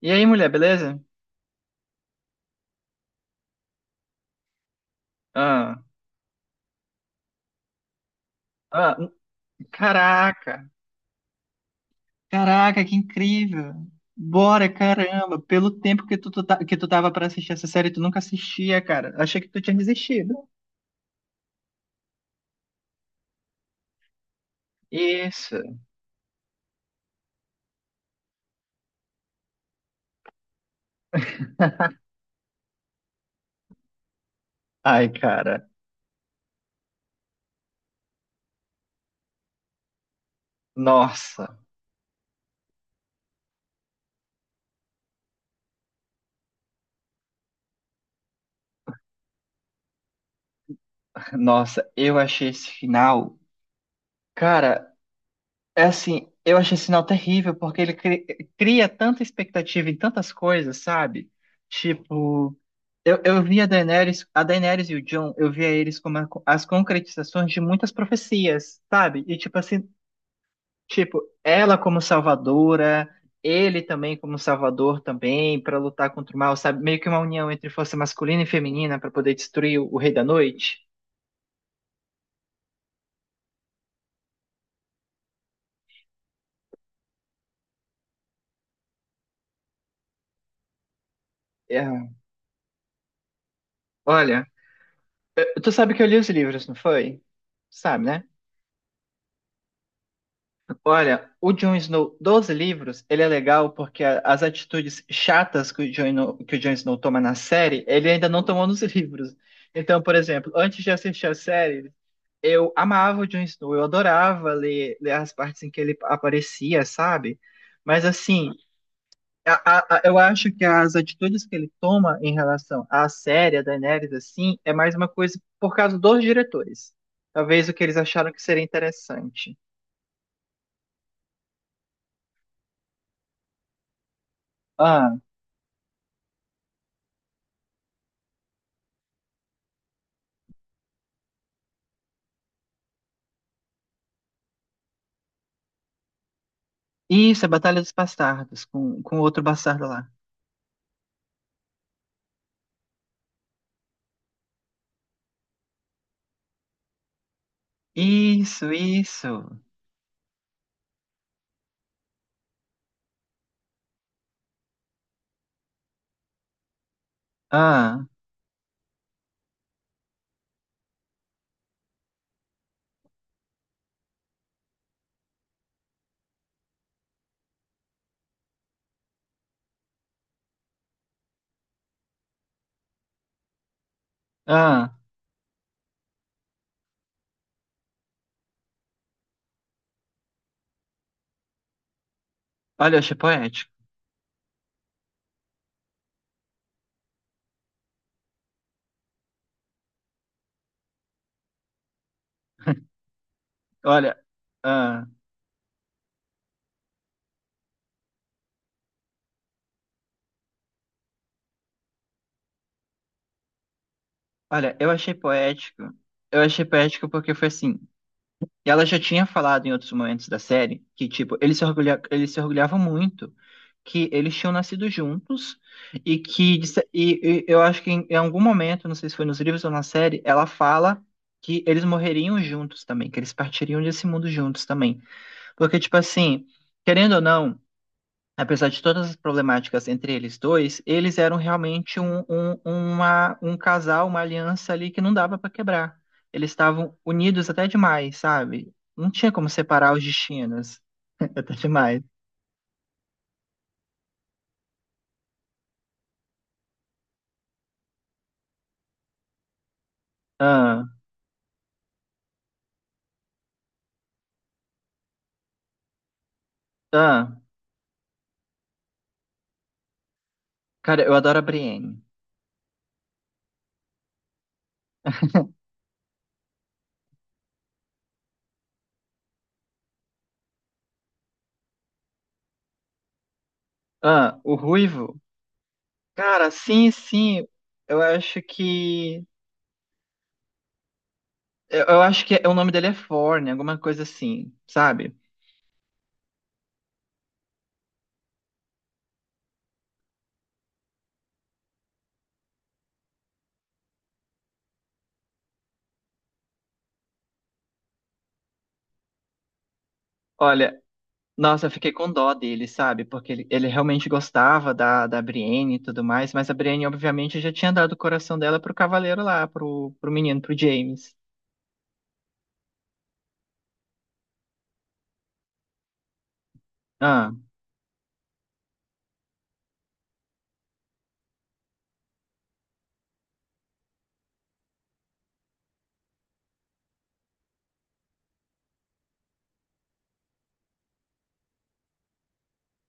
E aí, mulher, beleza? Ah, ah, um- caraca, que incrível. Bora, caramba, pelo tempo que que tu tava pra assistir essa série, tu nunca assistia, cara. Achei que tu tinha desistido. Isso. Ai, cara, nossa, eu achei esse final. Cara, é assim, eu achei esse sinal terrível, porque cria tanta expectativa em tantas coisas, sabe? Tipo, eu vi a Daenerys e o Jon, eu via eles como as concretizações de muitas profecias, sabe? E tipo assim, tipo, ela como salvadora, ele também como salvador também, para lutar contra o mal, sabe? Meio que uma união entre força masculina e feminina para poder destruir o Rei da Noite. É, olha, tu sabe que eu li os livros, não foi? Sabe, né? Olha, o Jon Snow dos livros, ele é legal porque as atitudes chatas que o Jon Snow toma na série, ele ainda não tomou nos livros. Então, por exemplo, antes de assistir a série, eu amava o Jon Snow, eu adorava ler, as partes em que ele aparecia, sabe? Mas assim, eu acho que as atitudes que ele toma em relação à série, a Daenerys, assim, é mais uma coisa por causa dos diretores. Talvez o que eles acharam que seria interessante. Ah, isso, é Batalha dos Bastardos, com, outro bastardo lá. Isso, isso. Ah, ah. Olha, eu achei poético. Olha, ah. Olha, eu achei poético. Eu achei poético porque foi assim. Ela já tinha falado em outros momentos da série que, tipo, eles se orgulhavam muito que eles tinham nascido juntos e e eu acho que em, algum momento, não sei se foi nos livros ou na série, ela fala que eles morreriam juntos também, que eles partiriam desse mundo juntos também. Porque, tipo assim, querendo ou não, apesar de todas as problemáticas entre eles dois, eles eram realmente um casal, uma aliança ali que não dava pra quebrar. Eles estavam unidos até demais, sabe? Não tinha como separar os destinos. Até demais. Ah, ah, cara, eu adoro a Brienne. Ah, o Ruivo. Cara, sim, sim. Eu acho que. Eu acho que é, o nome dele é Forne, alguma coisa assim, sabe? Olha, nossa, eu fiquei com dó dele, sabe? Porque ele realmente gostava da Brienne e tudo mais, mas a Brienne, obviamente, já tinha dado o coração dela pro cavaleiro lá, pro menino, pro James. Ah,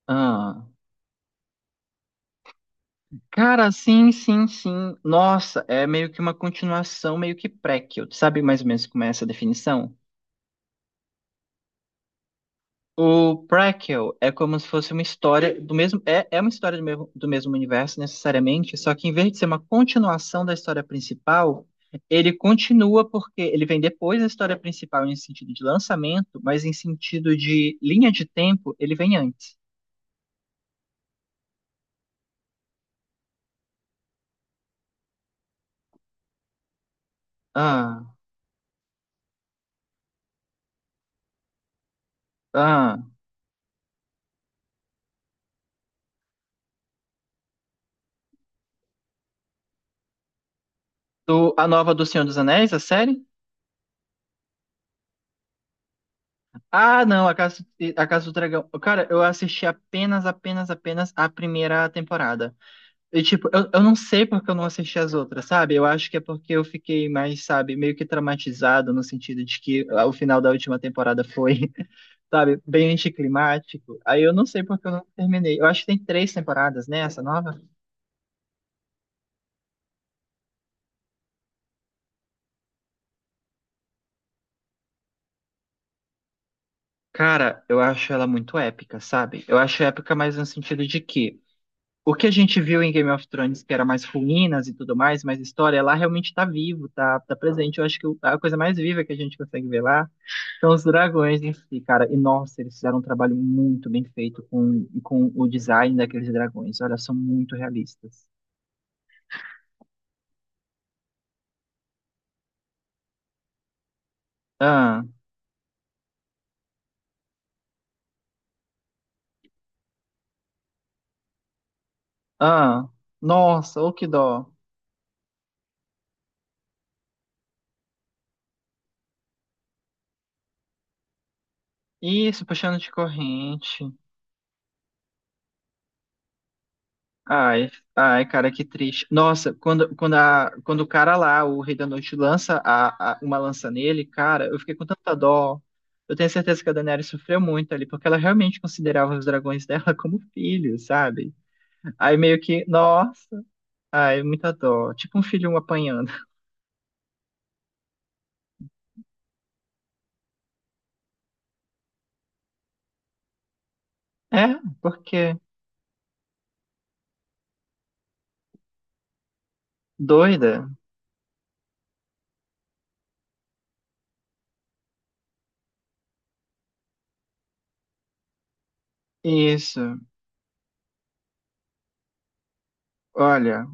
ah. Cara, sim, sim, sim. Nossa, é meio que uma continuação, meio que prequel. Sabe mais ou menos como é essa definição? O Prequel é como se fosse uma história do mesmo. É, é uma história do mesmo universo, necessariamente, só que em vez de ser uma continuação da história principal, ele continua porque ele vem depois da história principal em sentido de lançamento, mas em sentido de linha de tempo, ele vem antes. Ah, ah. Do, a nova do Senhor dos Anéis, a série? Ah, não, a Casa do Dragão. Cara, eu assisti apenas a primeira temporada. E, tipo, eu não sei porque eu não assisti as outras, sabe? Eu acho que é porque eu fiquei mais, sabe, meio que traumatizado no sentido de que ah, o final da última temporada foi, sabe, bem anticlimático. Aí eu não sei porque eu não terminei. Eu acho que tem três temporadas, né, essa nova? Cara, eu acho ela muito épica, sabe? Eu acho épica mais no sentido de que o que a gente viu em Game of Thrones, que era mais ruínas e tudo mais, mais história, lá realmente tá vivo, tá presente. Eu acho que a coisa mais viva que a gente consegue ver lá são os dragões em si, cara. E nossa, eles fizeram um trabalho muito bem feito com, o design daqueles dragões. Olha, são muito realistas. Ah, ah, nossa, ô que dó. Isso, puxando de corrente. Ai, ai, cara, que triste. Nossa, quando o cara lá, o Rei da Noite, lança uma lança nele, cara, eu fiquei com tanta dó. Eu tenho certeza que a Daenerys sofreu muito ali, porque ela realmente considerava os dragões dela como filhos, sabe? Aí meio que, nossa. Ai, muita dor. Tipo um filho apanhando. É, porque doida. Isso. Olha,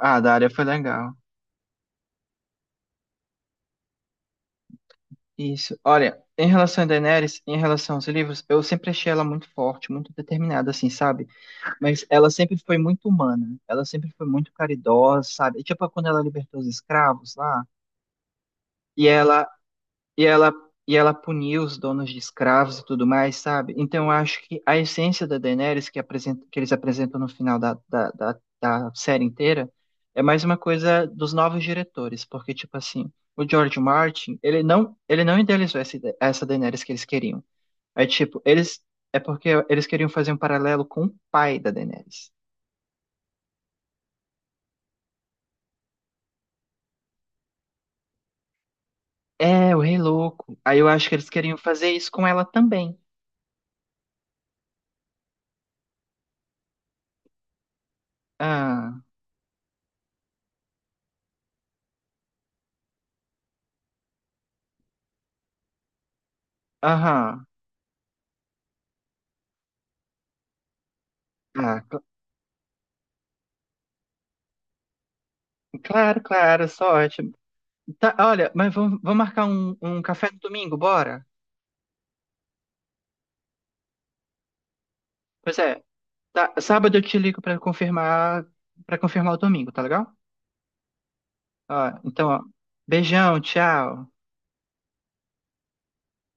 a Daria foi legal. Isso. Olha, em relação a Daenerys, em relação aos livros, eu sempre achei ela muito forte, muito determinada, assim, sabe? Mas ela sempre foi muito humana. Ela sempre foi muito caridosa, sabe? Tipo quando ela libertou os escravos lá. E ela E ela, e ela puniu os donos de escravos e tudo mais, sabe? Então eu acho que a essência da Daenerys que, apresenta, que eles apresentam no final da série inteira é mais uma coisa dos novos diretores, porque, tipo assim, o George Martin, ele não idealizou essa Daenerys que eles queriam. É tipo, eles. É porque eles queriam fazer um paralelo com o pai da Daenerys. É, o Rei Louco. Aí eu acho que eles queriam fazer isso com ela também. Ah, aham. Ah, cl- claro, claro, sorte. Tá, olha, mas vamos marcar um café no domingo, bora? Pois é, tá, sábado eu te ligo pra confirmar para confirmar o domingo, tá legal? Ó, então, ó, beijão, tchau.